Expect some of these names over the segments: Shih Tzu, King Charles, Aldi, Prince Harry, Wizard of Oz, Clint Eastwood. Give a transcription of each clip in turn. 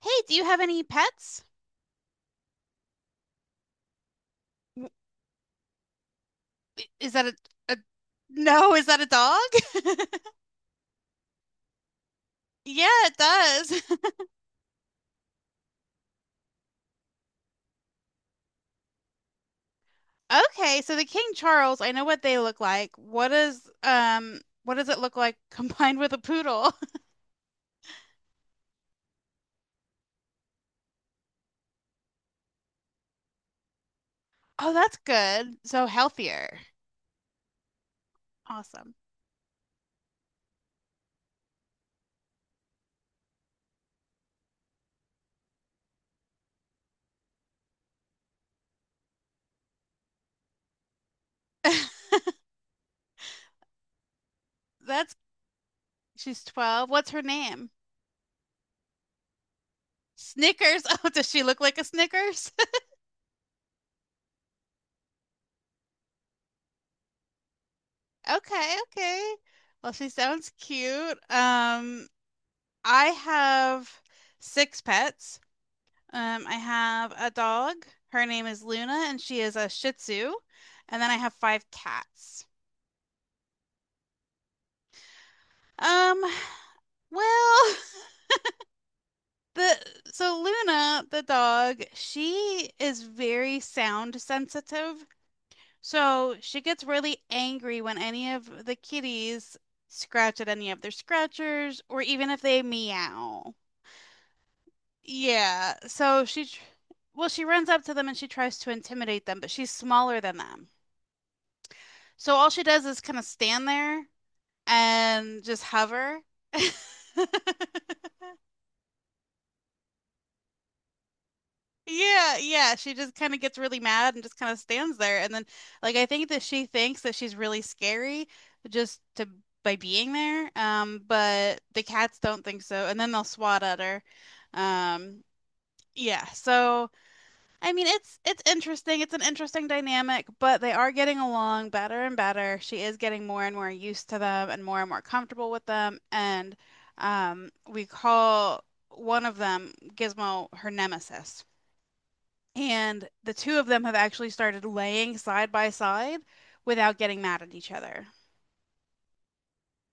Hey, do you have any pets? W- I- Is that a no, is that a dog? Yeah, it does. Okay, so the King Charles, I know what they look like. What does it look like combined with a poodle? Oh, that's good. So healthier. Awesome. That's She's 12. What's her name? Snickers. Oh, does she look like a Snickers? Okay, okay. Well, she sounds cute. I have six pets. I have a dog. Her name is Luna, and she is a Shih Tzu. And then I have five cats. Um, well, the so Luna, the dog, she is very sound sensitive. So she gets really angry when any of the kitties scratch at any of their scratchers or even if they meow. Yeah. Well, she runs up to them and she tries to intimidate them, but she's smaller than them. So all she does is kind of stand there and just hover. Yeah, yeah, she just kind of gets really mad and just kind of stands there. And then like I think that she thinks that she's really scary just to by being there. But the cats don't think so. And then they'll swat at her. Um, yeah. So I mean, it's interesting. It's an interesting dynamic, but they are getting along better and better. She is getting more and more used to them and more comfortable with them. And we call one of them Gizmo her nemesis. And the two of them have actually started laying side by side without getting mad at each other.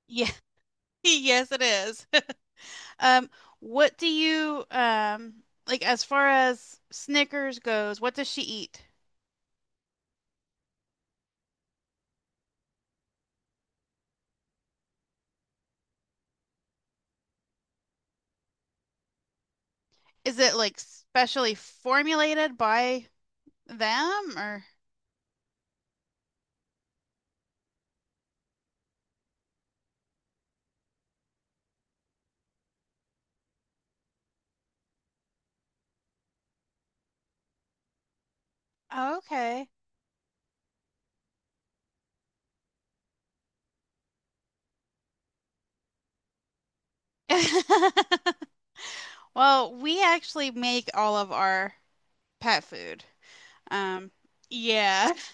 Yeah, yes, it is. Um, what do you Like as far as Snickers goes, what does she eat? Is it like specially formulated by them or? Oh, okay. Well, we actually make all of our pet food. Um, yeah.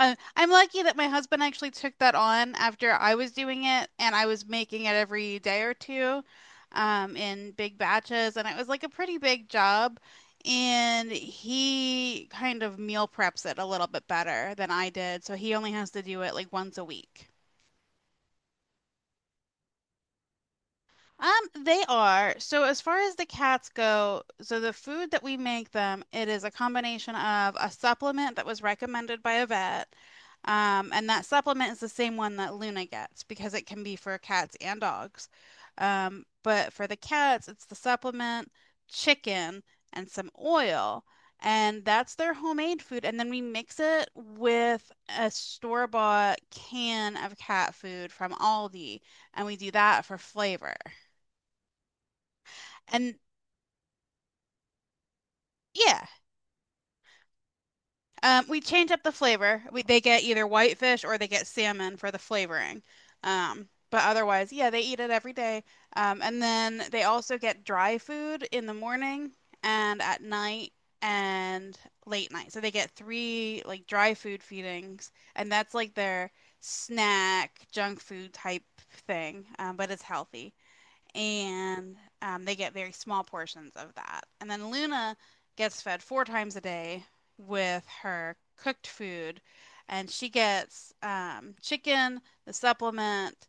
I'm lucky that my husband actually took that on after I was doing it and I was making it every day or two, in big batches. And it was like a pretty big job. And he kind of meal preps it a little bit better than I did. So he only has to do it like once a week. Um, they are. So as far as the cats go, so the food that we make them, it is a combination of a supplement that was recommended by a vet. And that supplement is the same one that Luna gets because it can be for cats and dogs. But for the cats, it's the supplement, chicken, and some oil. And that's their homemade food. And then we mix it with a store-bought can of cat food from Aldi, and we do that for flavor. And yeah, we change up the flavor. We They get either whitefish or they get salmon for the flavoring. But otherwise, yeah, they eat it every day. And then they also get dry food in the morning and at night and late night. So they get three like dry food feedings, and that's like their snack, junk food type thing, but it's healthy. And they get very small portions of that. And then Luna gets fed four times a day with her cooked food, and she gets chicken, the supplement,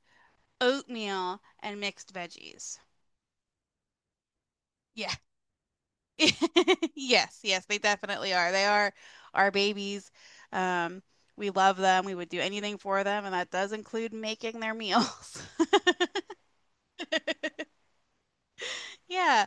oatmeal, and mixed veggies. Yeah. Yes, yes, they definitely are. They are our babies. Um, we love them. We would do anything for them, and that does include making their meals. Yeah.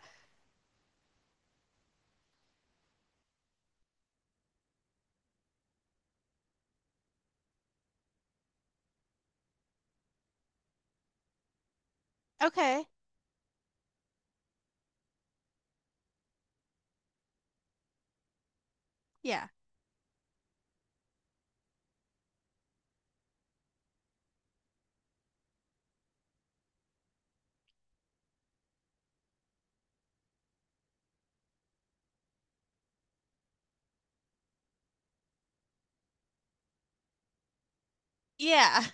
Okay. Yeah. Yeah.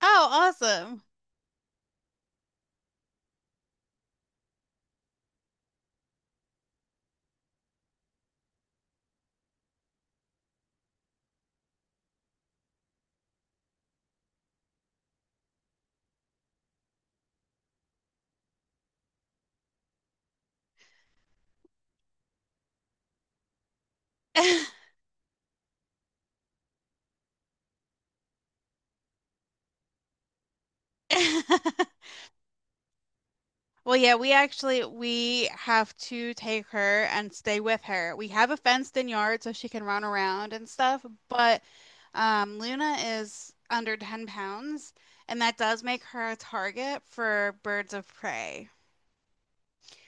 Oh, awesome. Well, yeah, we actually we have to take her and stay with her. We have a fenced-in yard so she can run around and stuff, but Luna is under 10 pounds, and that does make her a target for birds of prey.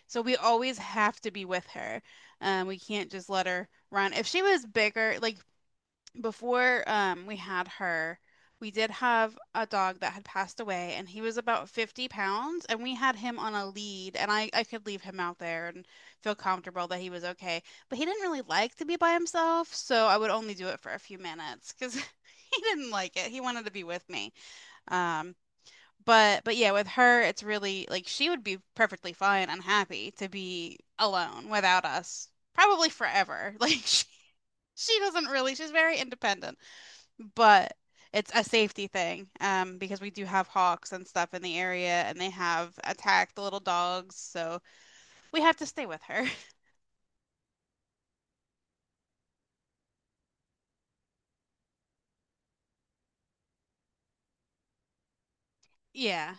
So we always have to be with her. We can't just let her run. If she was bigger, like before we had her, we did have a dog that had passed away, and he was about 50 pounds, and we had him on a lead, and I could leave him out there and feel comfortable that he was okay. But he didn't really like to be by himself, so I would only do it for a few minutes because he didn't like it. He wanted to be with me. Um, but yeah, with her, it's really like she would be perfectly fine and happy to be alone without us, probably forever. Like she doesn't really, she's very independent but it's a safety thing because we do have hawks and stuff in the area, and they have attacked the little dogs, so we have to stay with her. Yeah,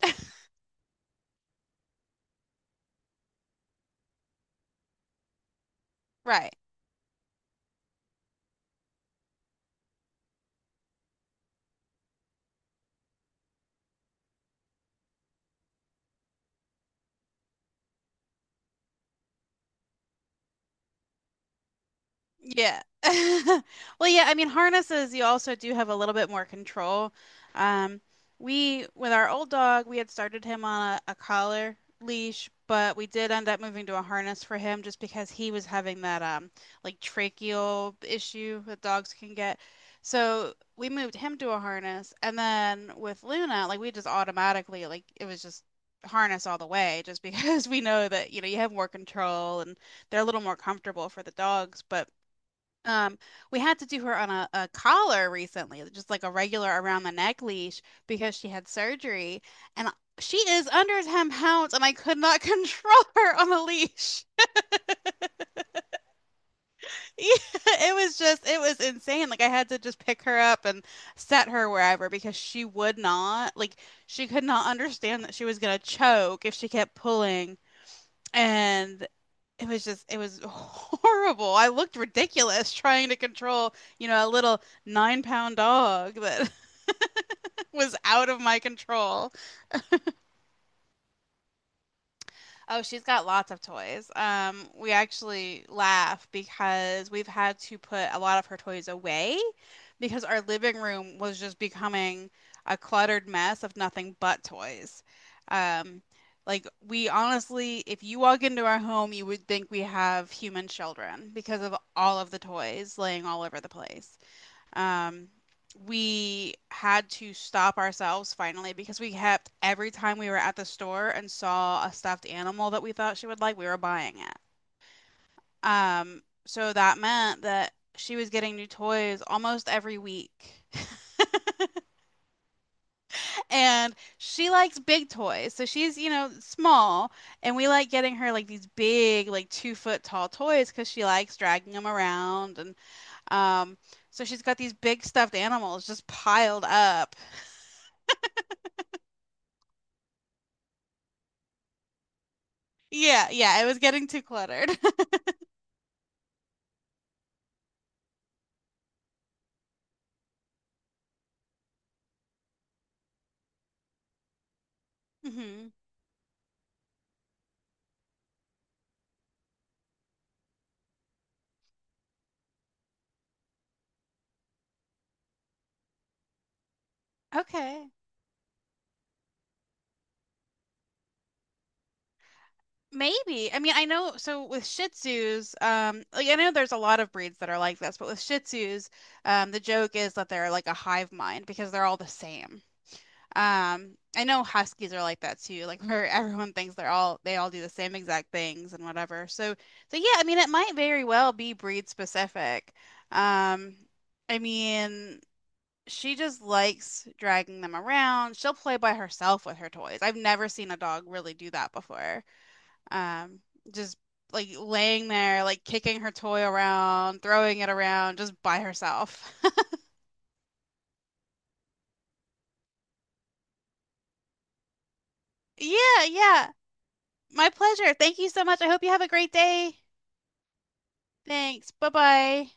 right. Yeah. Well, yeah, I mean, harnesses, you also do have a little bit more control. Um, we, with our old dog, we had started him on a collar leash, but we did end up moving to a harness for him just because he was having that like tracheal issue that dogs can get. So we moved him to a harness, and then with Luna, like we just automatically like it was just harness all the way, just because we know that you know you have more control and they're a little more comfortable for the dogs, but. Um, we had to do her on a collar recently, just like a regular around the neck leash because she had surgery and she is under 10 pounds and I could not control her on the leash. Yeah, it was just, it was insane. Like I had to just pick her up and set her wherever because she would not, like she could not understand that she was gonna choke if she kept pulling. And it was just it was horrible. I looked ridiculous trying to control, a little 9 pound dog that was out of my control. Oh, she's got lots of toys. We actually laugh because we've had to put a lot of her toys away because our living room was just becoming a cluttered mess of nothing but toys. Um, like we honestly, if you walk into our home, you would think we have human children because of all of the toys laying all over the place. Um, we had to stop ourselves finally because we kept every time we were at the store and saw a stuffed animal that we thought she would like, we were buying it. So that meant that she was getting new toys almost every week. And she likes big toys. So she's, small. And we like getting her like these big, like 2 foot tall toys because she likes dragging them around. And um, so she's got these big stuffed animals just piled up. Yeah, yeah, it was getting too cluttered. Hmm. Okay. Maybe. I mean, I know so with Shih Tzus, like I know there's a lot of breeds that are like this, but with Shih Tzus, the joke is that they're like a hive mind because they're all the same. I know Huskies are like that too, like where everyone thinks they all do the same exact things and whatever. So yeah, I mean it might very well be breed specific. Um I mean she just likes dragging them around. She'll play by herself with her toys. I've never seen a dog really do that before. Um, just like laying there, like kicking her toy around, throwing it around just by herself. Yeah, yeah. My pleasure. Thank you so much. I hope you have a great day. Thanks. Bye-bye.